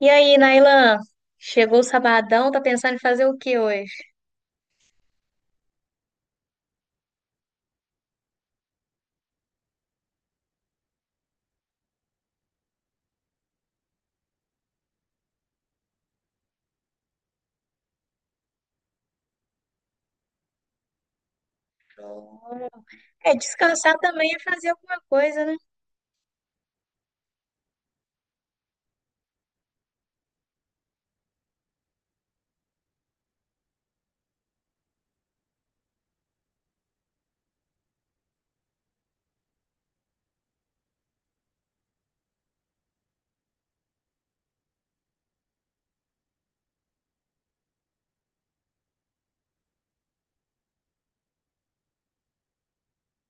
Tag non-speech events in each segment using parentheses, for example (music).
E aí, Nailan? Chegou o sabadão, tá pensando em fazer o que hoje? É, descansar também é fazer alguma coisa, né?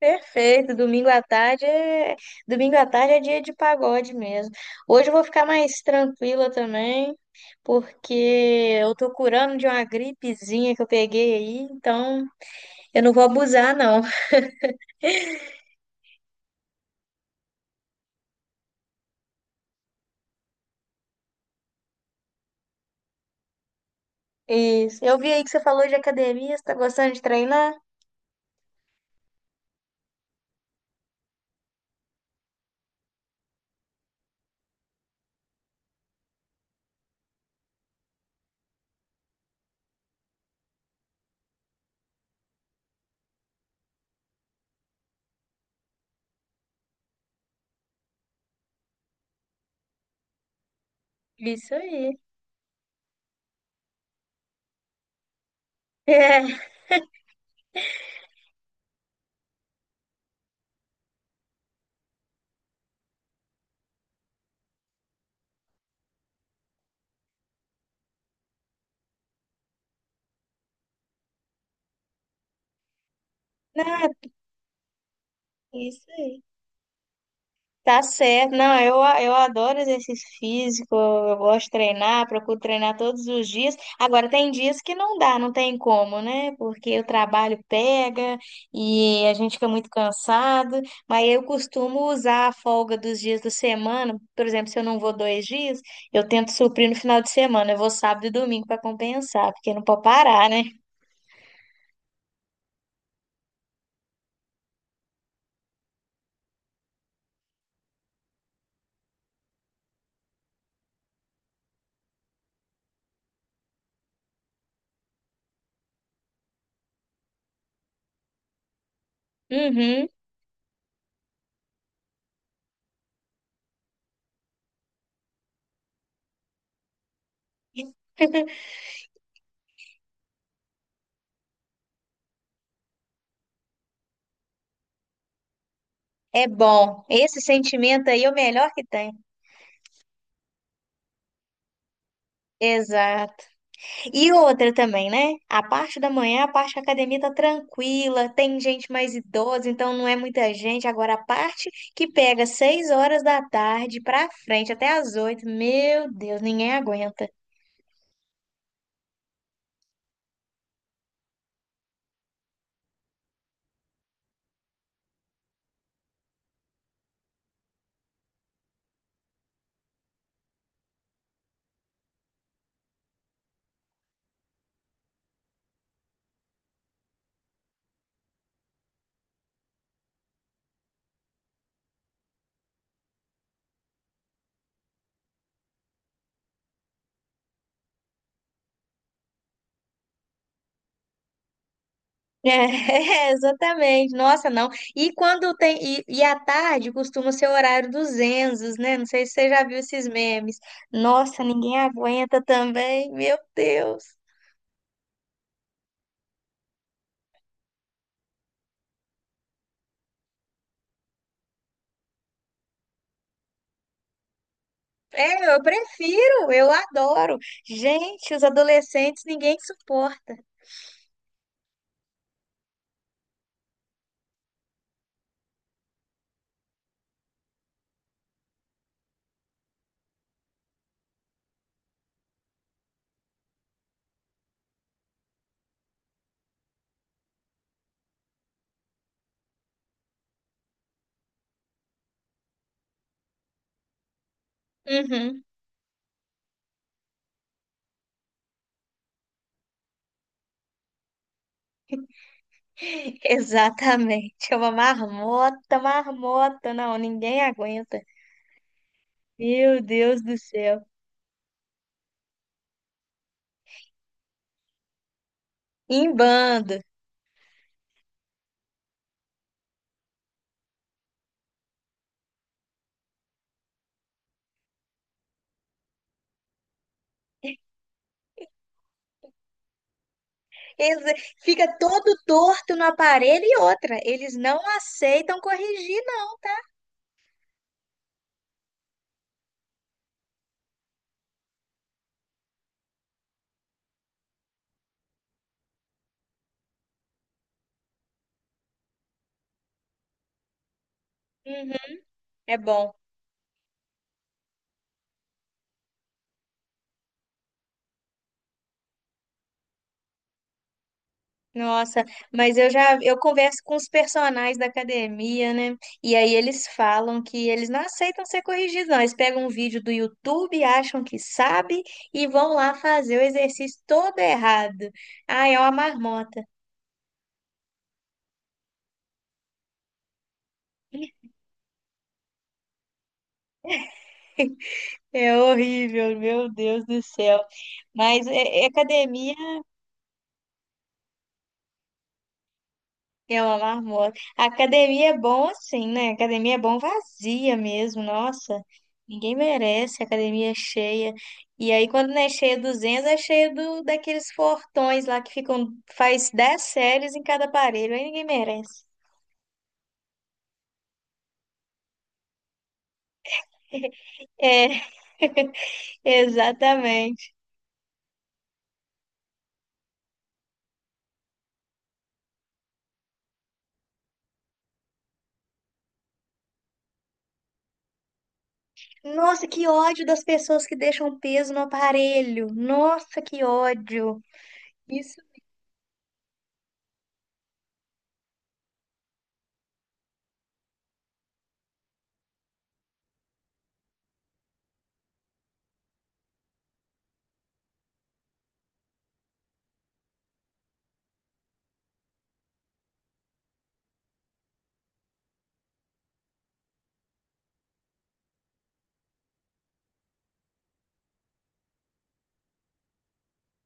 Perfeito, domingo à tarde é dia de pagode mesmo. Hoje eu vou ficar mais tranquila também, porque eu tô curando de uma gripezinha que eu peguei aí, então eu não vou abusar, não. Isso. Eu vi aí que você falou de academia, você tá gostando de treinar? Isso aí. (laughs) É. Nada, isso aí. Tá certo. Não, eu adoro exercício físico, eu gosto de treinar, procuro treinar todos os dias. Agora, tem dias que não dá, não tem como, né? Porque o trabalho pega e a gente fica muito cansado. Mas eu costumo usar a folga dos dias da semana. Por exemplo, se eu não vou dois dias, eu tento suprir no final de semana. Eu vou sábado e domingo para compensar, porque não pode parar, né? Uhum. É bom. Esse sentimento aí é o melhor que tem. Exato. E outra também, né? A parte da manhã, a parte da academia tá tranquila, tem gente mais idosa, então não é muita gente. Agora, a parte que pega seis horas da tarde pra frente, até as oito, meu Deus, ninguém aguenta. É, (laughs) exatamente. Nossa, não. E quando tem. E à tarde costuma ser o horário dos Enzos, né? Não sei se você já viu esses memes. Nossa, ninguém aguenta também, meu Deus. É, eu prefiro, eu adoro. Gente, os adolescentes ninguém suporta. Uhum. (laughs) Exatamente, é uma marmota, marmota, não, ninguém aguenta. Meu Deus do céu. Em bando. Fica todo torto no aparelho e outra, eles não aceitam corrigir, não. Uhum. É bom. Nossa, mas eu converso com os personagens da academia, né? E aí eles falam que eles não aceitam ser corrigidos, não. Eles pegam um vídeo do YouTube, acham que sabe e vão lá fazer o exercício todo errado. Ah, é uma marmota. (laughs) É horrível, meu Deus do céu. Mas é, é academia. Ela marmota. A academia é bom assim, né? A academia é bom vazia mesmo, nossa. Ninguém merece, a academia é cheia. E aí, quando não é cheia dos Enzos, é cheia daqueles fortões lá que ficam, faz 10 séries em cada aparelho. Aí ninguém merece. (laughs) É, (laughs) exatamente. Nossa, que ódio das pessoas que deixam peso no aparelho. Nossa, que ódio. Isso.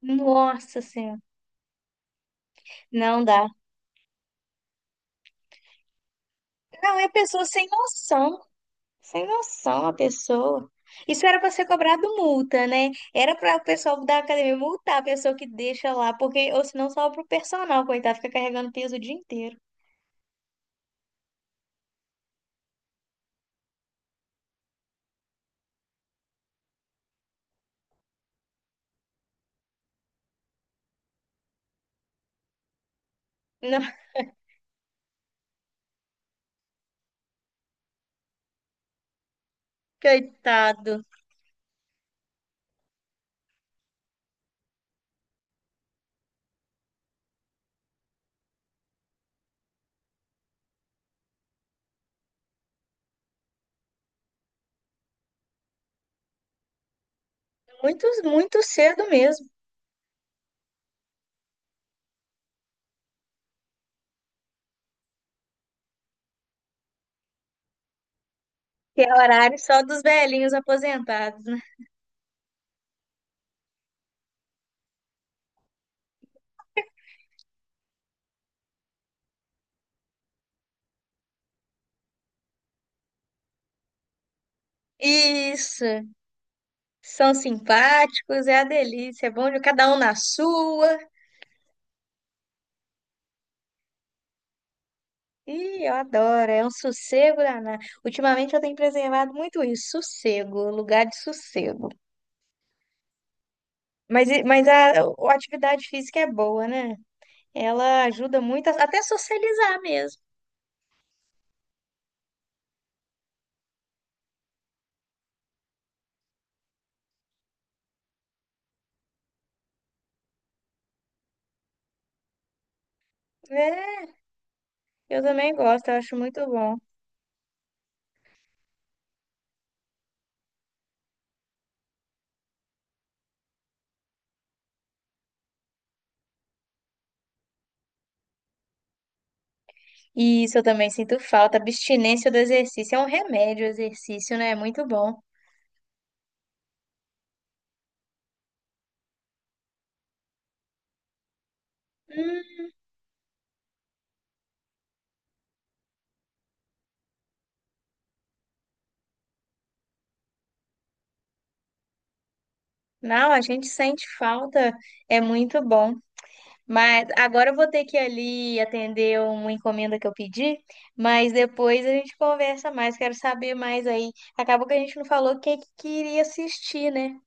Nossa Senhora. Não dá. Não, é pessoa sem noção. Sem noção a pessoa. Isso era para ser cobrado multa, né? Era para o pessoal da academia multar a pessoa que deixa lá, porque ou senão só pro personal, coitado, fica carregando peso o dia inteiro. Não, (laughs) coitado. Muito, muito cedo mesmo. Que é horário só dos velhinhos aposentados, né? Isso. São simpáticos, é a delícia. É bom de cada um na sua. Ih, eu adoro. É um sossego danado. Ultimamente eu tenho preservado muito isso, sossego, lugar de sossego. Mas, mas a atividade física é boa, né? Ela ajuda muito, até socializar mesmo. É, eu também gosto, eu acho muito bom. E isso eu também sinto falta, abstinência do exercício. É um remédio o exercício, né? É muito bom. Hum, não, a gente sente falta, é muito bom. Mas agora eu vou ter que ir ali atender uma encomenda que eu pedi, mas depois a gente conversa mais, quero saber mais aí. Acabou que a gente não falou o que que queria assistir, né?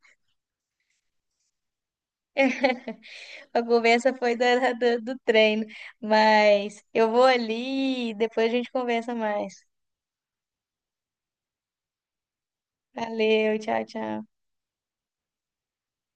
A conversa foi do treino, mas eu vou ali e depois a gente conversa mais. Valeu, tchau, tchau.